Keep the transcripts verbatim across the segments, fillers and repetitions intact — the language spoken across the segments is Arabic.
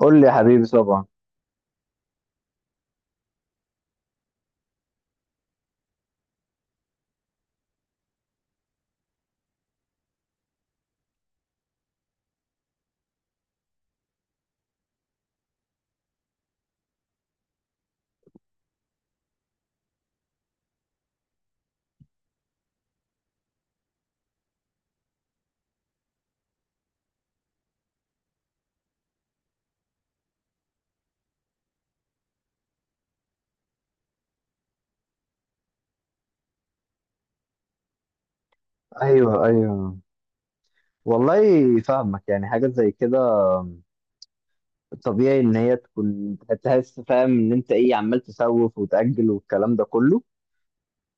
قول لي يا حبيبي، طبعا. ايوه ايوه. والله فاهمك، يعني حاجه زي كده طبيعي ان هي تكون، تحس فاهم ان انت ايه، عمال تسوف وتاجل والكلام ده كله.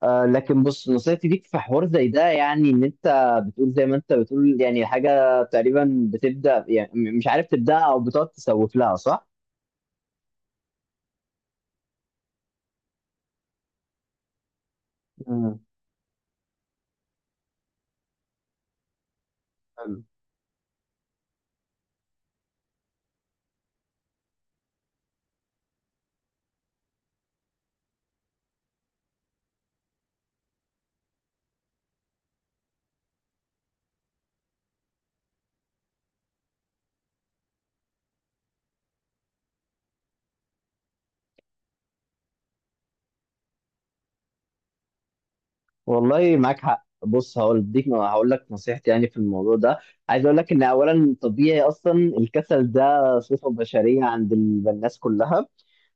آه، لكن بص نصيحتي ليك في حوار زي ده، يعني ان انت بتقول زي ما انت بتقول، يعني حاجه تقريبا بتبدا، يعني م- مش عارف تبداها او بتقعد تسوف لها، صح؟ مم. حلو. والله معاك حق. بص، هقول اديك، هقول لك نصيحتي يعني في الموضوع ده. عايز اقول لك ان اولا طبيعي اصلا، الكسل ده صفة بشرية عند ال- الناس كلها.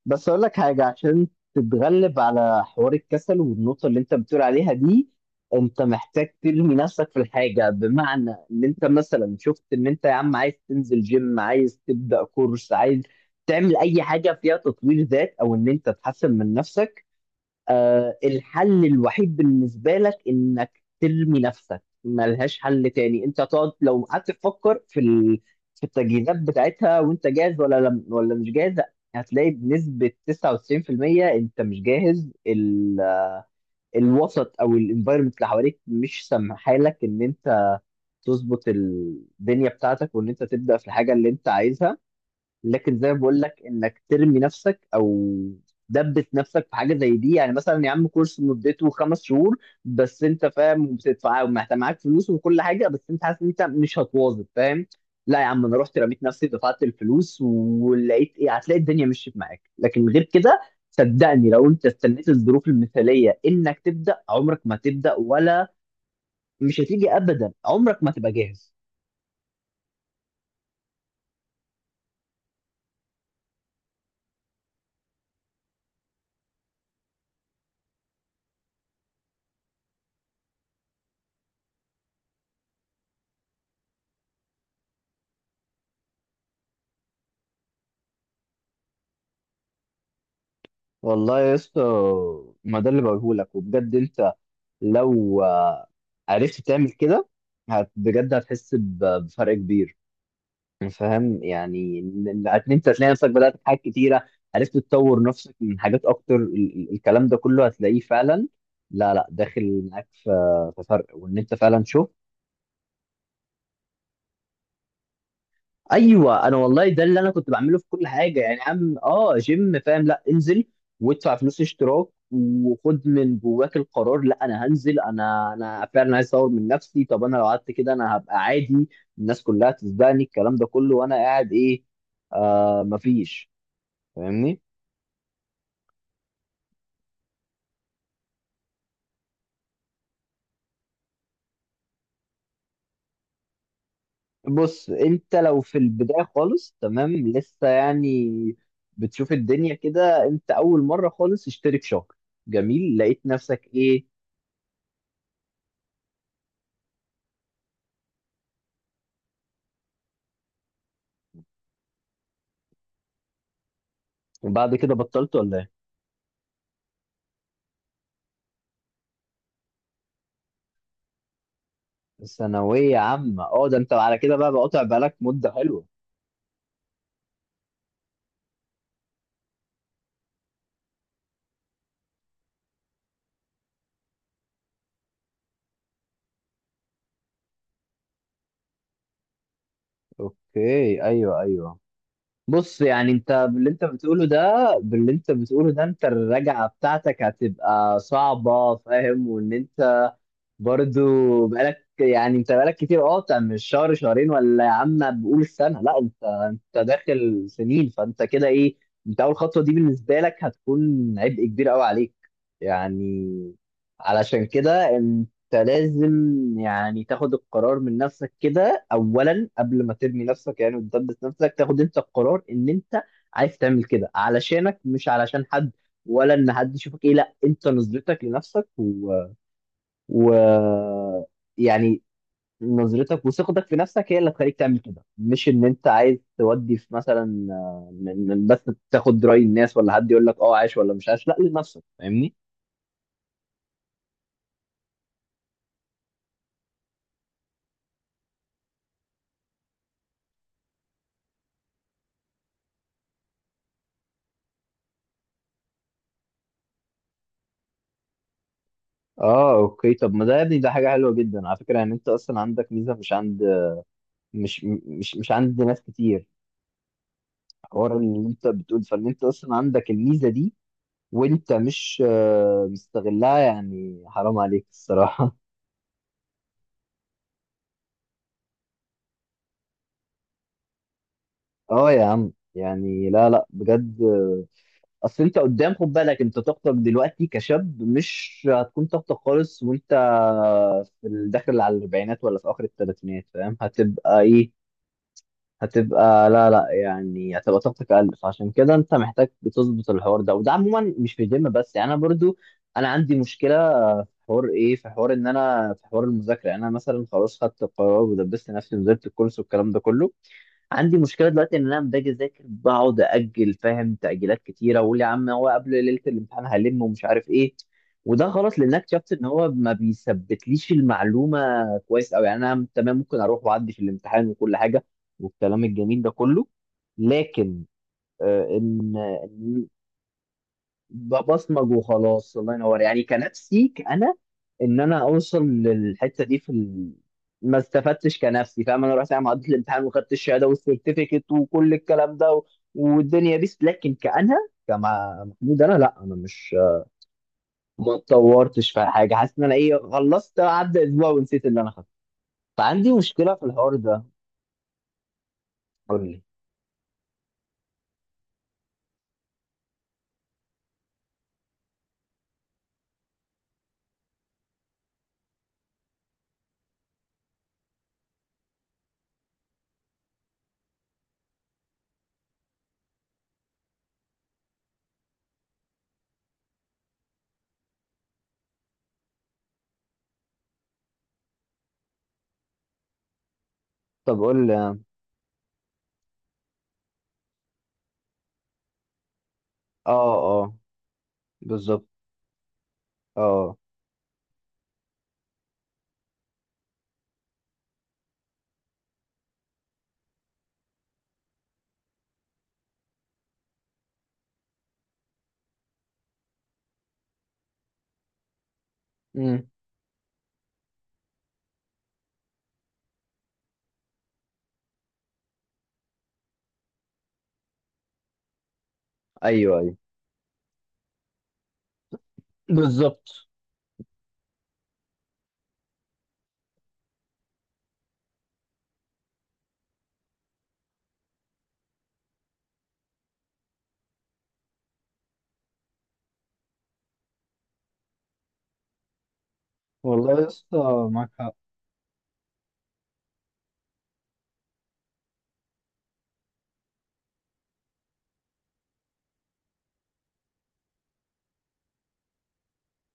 بس اقول لك حاجة عشان تتغلب على حوار الكسل والنقطة اللي انت بتقول عليها دي. انت محتاج ترمي نفسك في الحاجة، بمعنى ان انت مثلا شفت ان انت يا عم عايز تنزل جيم، عايز تبدأ كورس، عايز تعمل اي حاجة فيها تطوير ذات، او ان انت تحسن من نفسك. آه، الحل الوحيد بالنسبة لك إنك ترمي نفسك، ملهاش حل تاني. أنت تقعد، لو قعدت تفكر في ال... في التجهيزات بتاعتها، وأنت جاهز ولا لم... ولا مش جاهز، هتلاقي بنسبة تسعه وتسعين في المية أنت مش جاهز. ال... الوسط أو الانفايرمنت اللي حواليك مش سامحالك إن أنت تظبط الدنيا بتاعتك، وإن أنت تبدأ في الحاجة اللي أنت عايزها. لكن زي ما بقول لك، انك ترمي نفسك او دبت نفسك في حاجه زي دي. يعني مثلا يا عم كورس مدته خمس شهور، بس انت فاهم، وبتدفع ومحتاج معاك فلوس وكل حاجه، بس انت حاسس ان انت مش هتواظب، فاهم؟ لا يا عم، انا رحت رميت نفسي، دفعت الفلوس ولقيت ايه، هتلاقي الدنيا مشيت معاك. لكن غير كده، صدقني لو انت استنيت الظروف المثاليه انك تبدا، عمرك ما تبدا. ولا مش هتيجي ابدا، عمرك ما تبقى جاهز. والله يا اسطى، ما ده اللي بقوله لك. وبجد انت لو آه، عرفت تعمل كده، هت بجد هتحس ب- بفرق كبير. فاهم يعني إن- إن- ان انت هتلاقي نفسك بدأت في حاجات كتيرة، عرفت تطور نفسك من حاجات اكتر. ال- ال- الكلام ده كله هتلاقيه فعلا، لا لا، داخل معاك في في فرق، وان انت فعلا شفت. ايوه، انا والله ده اللي انا كنت بعمله في كل حاجه. يعني عم اه جيم، فاهم؟ لا، انزل وادفع فلوس اشتراك، وخد من جواك القرار، لا، انا هنزل، انا انا فعلا عايز اطور من نفسي. طب انا لو قعدت كده، انا هبقى عادي، الناس كلها تسبقني، الكلام ده كله وانا قاعد ايه؟ آه، مفيش. فاهمني؟ بص، انت لو في البدايه خالص تمام، لسه يعني بتشوف الدنيا كده، انت اول مره خالص، اشترك شهر. جميل، لقيت نفسك ايه؟ وبعد كده بطلت ولا؟ ثانوية عامة، اه، ده انت على كده بقى بقطع بالك مدة حلوة. اوكي، ايوه ايوه. بص يعني انت باللي انت بتقوله ده، باللي انت بتقوله ده، انت الرجعة بتاعتك هتبقى صعبة، فاهم؟ وان انت برضو بقالك يعني، انت بقالك كتير. اه بتاع من شهر شهرين، ولا يا عم بقول السنه، لا انت، انت داخل سنين، فانت كده ايه. انت اول خطوه دي بالنسبه لك هتكون عبء كبير قوي عليك يعني. علشان كده انت لازم يعني تاخد القرار من نفسك كده اولا، قبل ما ترمي نفسك يعني وتدبس نفسك، تاخد انت القرار ان انت عايز تعمل كده علشانك، مش علشان حد، ولا ان حد يشوفك ايه، لا، انت نظرتك لنفسك و... ويعني نظرتك وثقتك في نفسك هي اللي هتخليك تعمل كده. مش ان انت عايز تودي في مثلا آه، من من بس تاخد رأي الناس، ولا حد يقول لك اه عايش ولا مش عايش، لا، لنفسك، فاهمني؟ اه، اوكي. طب ما ده يا ابني ده حاجة حلوة جدا على فكرة. يعني انت اصلا عندك ميزة مش عند، مش مش مش عند ناس كتير، حوار اللي انت بتقول. فان انت اصلا عندك الميزة دي وانت مش آه، مستغلها، يعني حرام عليك الصراحة. اه يا عم، يعني لا لا، بجد. اصل انت قدام، خد بالك، انت طاقتك دلوقتي كشاب مش هتكون طاقتك خالص وانت في الداخل على الاربعينات ولا في اخر الثلاثينات، فاهم؟ هتبقى ايه، هتبقى، لا لا، يعني هتبقى طاقتك اقل. فعشان كده انت محتاج بتظبط الحوار ده. وده عموما مش في الجيم بس يعني. انا برضو انا عندي مشكله في حوار ايه، في حوار ان انا، في حوار المذاكره. يعني انا مثلا خلاص خدت القرار ودبست نفسي ونزلت الكورس والكلام ده كله، عندي مشكله دلوقتي ان انا لما باجي اذاكر، بقعد اجل، فاهم، تاجيلات كتيره، واقول يا عم هو قبل ليله الامتحان هلم، ومش عارف ايه. وده غلط لان أنا اكتشفت ان هو ما بيثبتليش المعلومه كويس قوي. يعني انا تمام، ممكن اروح واعدي في الامتحان وكل حاجه والكلام الجميل ده كله، لكن آه، ان ببصمج وخلاص، الله ينور. يعني كنفسي انا، ان انا اوصل للحته دي في ال... ما استفدتش كنفسي، فاهم؟ انا رحت يعني عديت الامتحان وخدت الشهاده والسيرتيفيكت وكل الكلام ده، و... والدنيا بيس، لكن كأنا، كما محمود، انا لا، انا مش، ما اتطورتش في حاجه. حاسس ان انا ايه، خلصت عدى اسبوع ونسيت اللي انا خدته. فعندي مشكله في الحوار ده. قول لي. طب قول لي. اه اه. بالظبط. اه. امم. ايوه ايوه. بالظبط. والله يا اسطى معاك حق.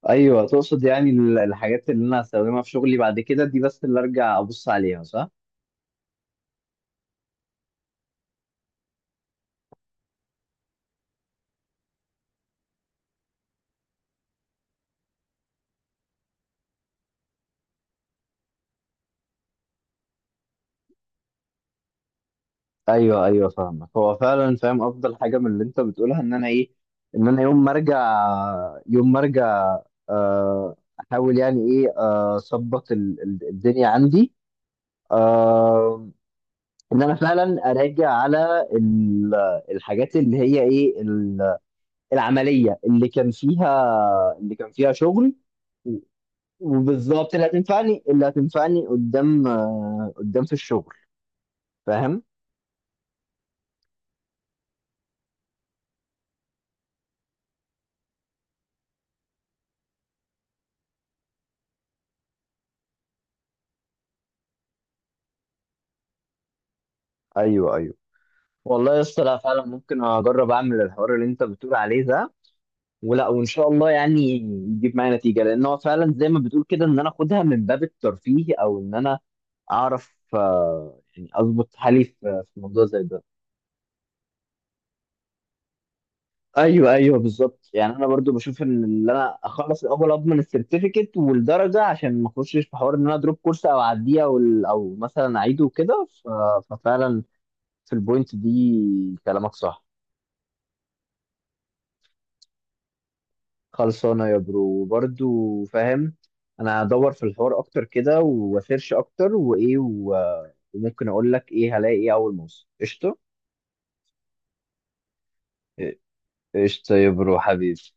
ايوه، تقصد يعني ال- الحاجات اللي انا هستخدمها في شغلي بعد كده دي بس اللي ارجع ابص عليها، صح؟ ايوه ايوه، فاهمك. هو فعلا فاهم افضل حاجه من اللي انت بتقولها، ان انا ايه، ان انا يوم ما ارجع، يوم ما ارجع، آه، احاول يعني ايه آه، اظبط ال- ال- الدنيا عندي آه، ان انا فعلا اراجع على ال- الحاجات اللي هي ايه ال- العمليه اللي كان فيها، اللي كان فيها شغل. وبالظبط اللي هتنفعني، اللي هتنفعني قدام آه، قدام في الشغل، فاهم؟ ايوه ايوه. والله يا اسطى، لا فعلا ممكن اجرب اعمل الحوار اللي انت بتقول عليه ده، ولا وان شاء الله يعني يجيب معايا نتيجه. لان هو فعلا زي ما بتقول كده، ان انا اخدها من باب الترفيه، او ان انا اعرف آه، يعني اظبط حالي في في موضوع زي ده. ايوه ايوه بالظبط. يعني انا برضو بشوف ان اللي، انا اخلص الاول اضمن السيرتيفيكت والدرجه، عشان ما اخشش في حوار ان انا ادروب كورس او اعديه، او ال- او مثلا اعيده وكده. ف- ففعلا في البوينت دي كلامك صح. خلصانه يا برو. وبرضو فاهم، انا هدور في الحوار اكتر كده، واسيرش اكتر، وايه و- وممكن اقول لك ايه هلاقي. ايه اول ما اوصل، قشطه. قشطه يا برو حبيبي.